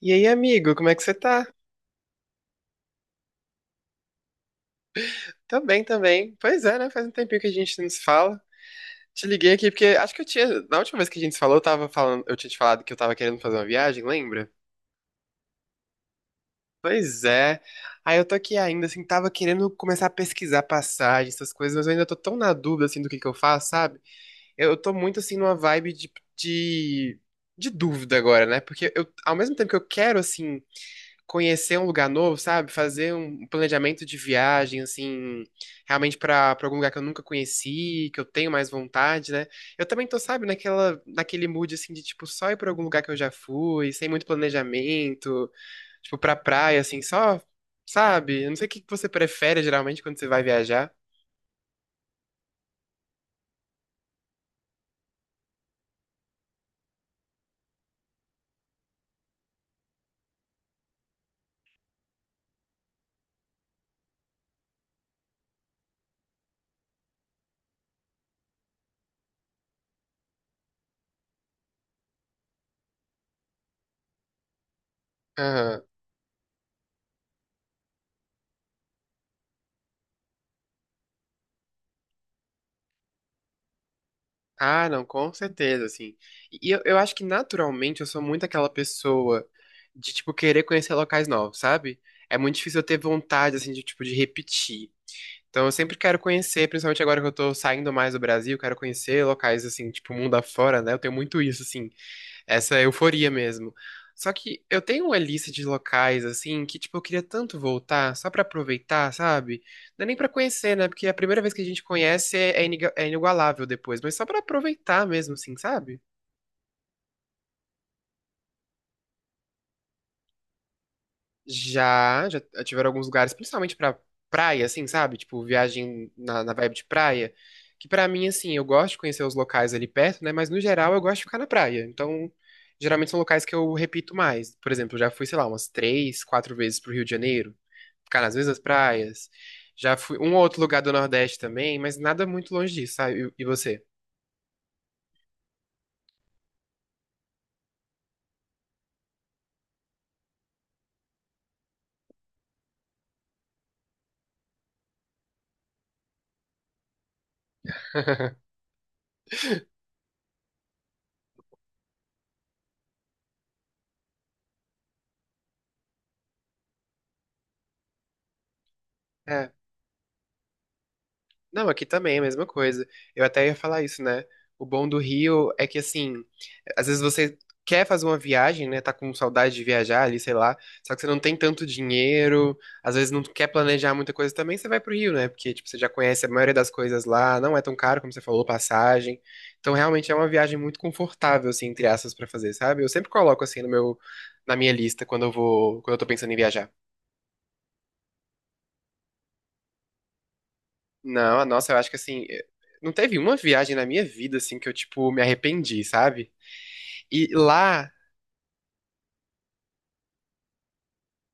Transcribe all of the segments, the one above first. E aí, amigo, como é que você tá? Tô bem também. Pois é, né? Faz um tempinho que a gente não se fala. Te liguei aqui porque acho que eu tinha. Na última vez que a gente se falou, eu tinha te falado que eu tava querendo fazer uma viagem, lembra? Pois é. Aí eu tô aqui ainda, assim, tava querendo começar a pesquisar passagens, essas coisas, mas eu ainda tô tão na dúvida, assim, do que eu faço, sabe? Eu tô muito, assim, numa vibe de dúvida agora, né? Porque eu, ao mesmo tempo que eu quero, assim, conhecer um lugar novo, sabe? Fazer um planejamento de viagem, assim, realmente pra algum lugar que eu nunca conheci, que eu tenho mais vontade, né? Eu também tô, sabe, naquele mood, assim, de, tipo, só ir pra algum lugar que eu já fui, sem muito planejamento, tipo, pra praia, assim, só, sabe? Eu não sei o que que você prefere, geralmente, quando você vai viajar. Ah, não, com certeza, assim. E eu acho que naturalmente eu sou muito aquela pessoa de, tipo, querer conhecer locais novos, sabe? É muito difícil eu ter vontade, assim, de, tipo, de repetir. Então eu sempre quero conhecer, principalmente agora que eu tô saindo mais do Brasil, quero conhecer locais, assim, tipo, mundo afora, né? Eu tenho muito isso, assim. Essa euforia mesmo. Só que eu tenho uma lista de locais, assim, que, tipo, eu queria tanto voltar, só pra aproveitar, sabe? Não é nem pra conhecer, né? Porque a primeira vez que a gente conhece é inigualável depois, mas só pra aproveitar mesmo, assim, sabe? Já tiveram alguns lugares, principalmente pra praia, assim, sabe? Tipo, viagem na vibe de praia, que pra mim, assim, eu gosto de conhecer os locais ali perto, né? Mas no geral eu gosto de ficar na praia. Então, geralmente são locais que eu repito mais. Por exemplo, eu já fui, sei lá, umas três, quatro vezes pro Rio de Janeiro. Ficar nas mesmas praias. Já fui um ou outro lugar do Nordeste também, mas nada muito longe disso, sabe? E você? Não, aqui também é a mesma coisa. Eu até ia falar isso, né? O bom do Rio é que, assim, às vezes você quer fazer uma viagem, né? Tá com saudade de viajar ali, sei lá. Só que você não tem tanto dinheiro, às vezes não quer planejar muita coisa também, você vai pro Rio, né? Porque, tipo, você já conhece a maioria das coisas lá, não é tão caro, como você falou, passagem. Então, realmente é uma viagem muito confortável, assim, entre aspas, pra fazer, sabe? Eu sempre coloco, assim, no meu, na minha lista quando eu vou, quando eu tô pensando em viajar. Não, nossa, eu acho que assim, não teve uma viagem na minha vida assim que eu tipo me arrependi, sabe? E lá.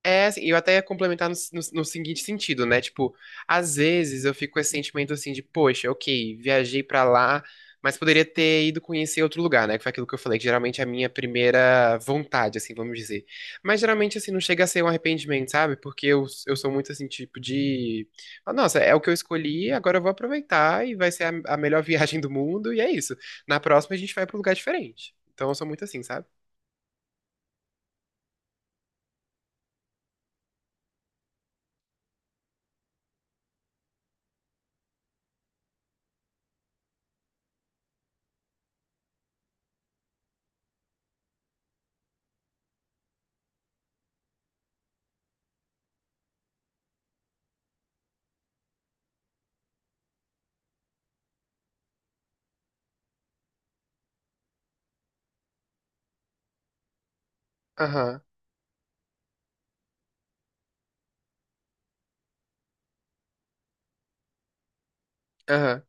É, assim, eu até ia complementar no seguinte sentido, né? Tipo, às vezes eu fico com esse sentimento assim de, poxa, ok, viajei pra lá, mas poderia ter ido conhecer outro lugar, né? Que foi aquilo que eu falei, que geralmente é a minha primeira vontade, assim, vamos dizer. Mas geralmente, assim, não chega a ser um arrependimento, sabe? Porque eu sou muito assim, tipo, de. "Ah, nossa, é o que eu escolhi, agora eu vou aproveitar e vai ser a melhor viagem do mundo, e é isso." Na próxima a gente vai pra um lugar diferente. Então eu sou muito assim, sabe? Aham, aham,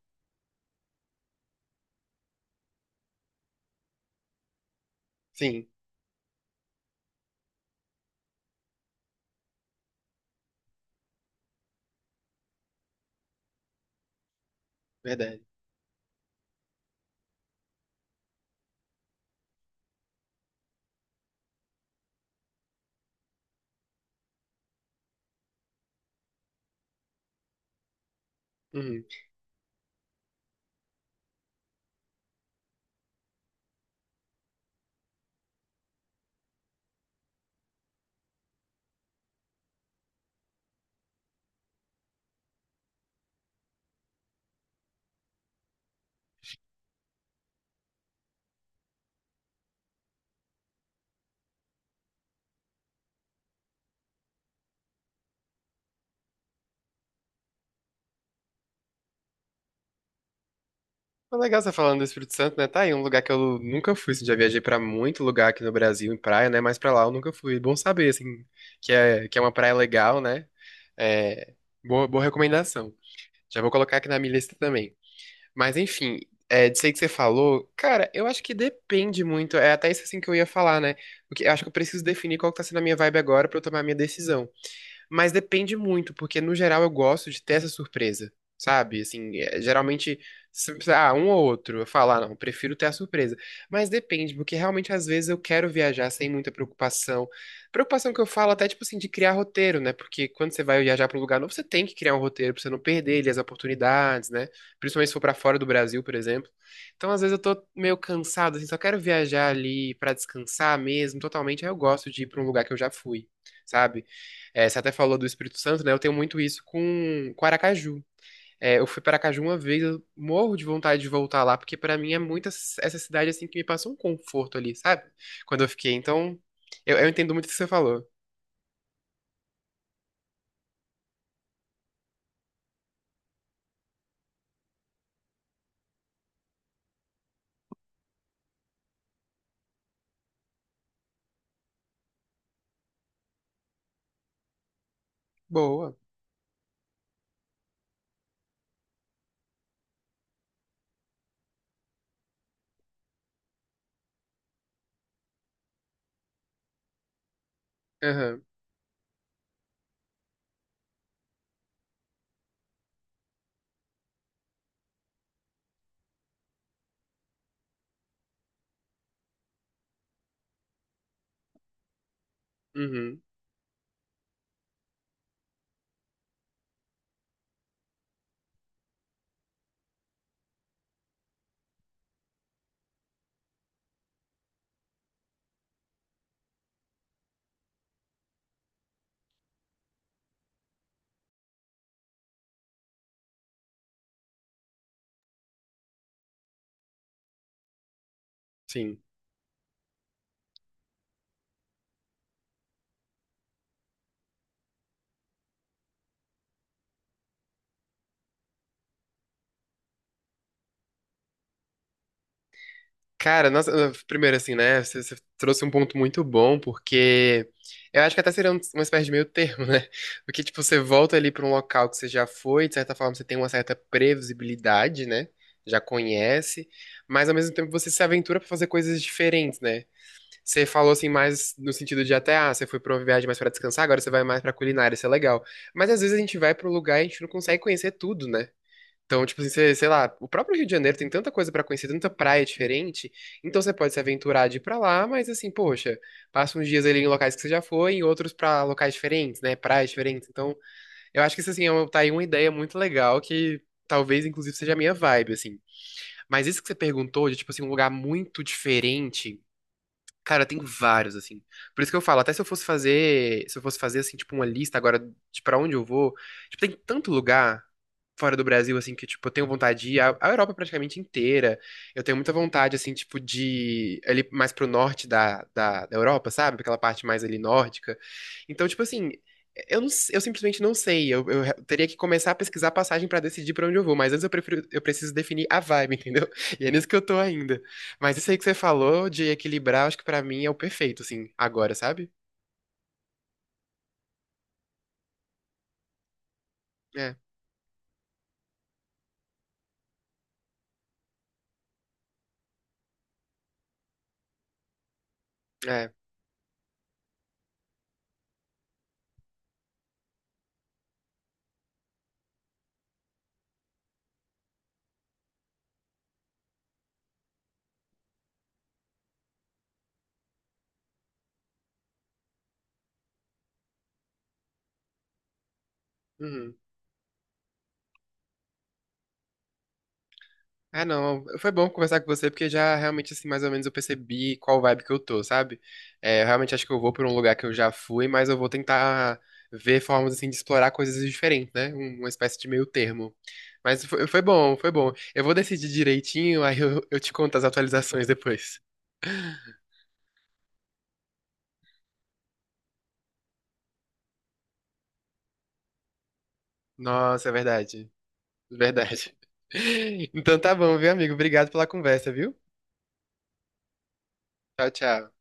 sim, verdade. Uhum. Foi legal você falando do Espírito Santo, né? Tá aí um lugar que eu nunca fui, assim, já viajei pra muito lugar aqui no Brasil, em praia, né? Mas pra lá eu nunca fui. Bom saber, assim, que é uma praia legal, né? É, boa, boa recomendação. Já vou colocar aqui na minha lista também. Mas enfim, é, disso aí que você falou, cara, eu acho que depende muito. É até isso assim que eu ia falar, né? Porque eu acho que eu preciso definir qual que tá sendo a minha vibe agora pra eu tomar a minha decisão. Mas depende muito, porque no geral eu gosto de ter essa surpresa, sabe? Assim, é, geralmente, um ou outro, eu falo, ah, não, eu prefiro ter a surpresa. Mas depende, porque realmente às vezes eu quero viajar sem muita preocupação. Preocupação que eu falo até, tipo assim, de criar roteiro, né? Porque quando você vai viajar para um lugar novo, você tem que criar um roteiro pra você não perder ali as oportunidades, né? Principalmente se for pra fora do Brasil, por exemplo. Então, às vezes eu tô meio cansado, assim, só quero viajar ali pra descansar mesmo, totalmente. Aí eu gosto de ir pra um lugar que eu já fui, sabe? É, você até falou do Espírito Santo, né? Eu tenho muito isso com Aracaju. É, eu fui para Aracaju uma vez, eu morro de vontade de voltar lá, porque para mim é muito essa cidade assim que me passa um conforto ali, sabe? Quando eu fiquei. Então, eu entendo muito o que você falou. Boa. Aham. Uhum. Sim. Cara, nossa, primeiro assim, né? Você trouxe um ponto muito bom, porque eu acho que até seria uma espécie de meio termo, né? Porque, tipo, você volta ali pra um local que você já foi, de certa forma você tem uma certa previsibilidade, né? Já conhece, mas ao mesmo tempo você se aventura pra fazer coisas diferentes, né? Você falou assim mais no sentido de até, ah, você foi pra uma viagem mais pra descansar, agora você vai mais pra culinária, isso é legal. Mas às vezes a gente vai pra um lugar e a gente não consegue conhecer tudo, né? Então, tipo assim, você- sei lá, o próprio Rio de Janeiro tem tanta coisa pra conhecer, tanta praia diferente, então você pode se aventurar de ir pra lá, mas assim, poxa, passa uns dias ali em locais que você já foi, e outros pra locais diferentes, né, praias diferentes. Então, eu acho que isso assim, tá aí uma ideia muito legal que talvez inclusive seja a minha vibe, assim. Mas isso que você perguntou de tipo assim, um lugar muito diferente, cara, tem vários assim. Por isso que eu falo, até se eu fosse fazer assim, tipo uma lista agora de pra onde eu vou, tipo, tem tanto lugar fora do Brasil, assim, que, tipo, eu tenho vontade de ir à Europa praticamente inteira. Eu tenho muita vontade, assim, tipo, de ir ali mais pro norte da Europa, sabe? Aquela parte mais ali nórdica. Então, tipo assim, eu, não, eu simplesmente não sei. Eu teria que começar a pesquisar passagem pra decidir pra onde eu vou. Mas antes eu preciso definir a vibe, entendeu? E é nisso que eu tô ainda. Mas isso aí que você falou de equilibrar, acho que pra mim é o perfeito, assim, agora, sabe? É, é. Uhum. Ah, não, foi bom conversar com você, porque já realmente, assim, mais ou menos eu percebi qual vibe que eu tô, sabe? É, eu realmente acho que eu vou pra um lugar que eu já fui, mas eu vou tentar ver formas, assim, de explorar coisas diferentes, né? Uma espécie de meio termo. Mas foi bom, foi bom. Eu vou decidir direitinho, aí eu te conto as atualizações depois. Nossa, é verdade, verdade. Então tá bom, viu, amigo? Obrigado pela conversa, viu? Tchau, tchau.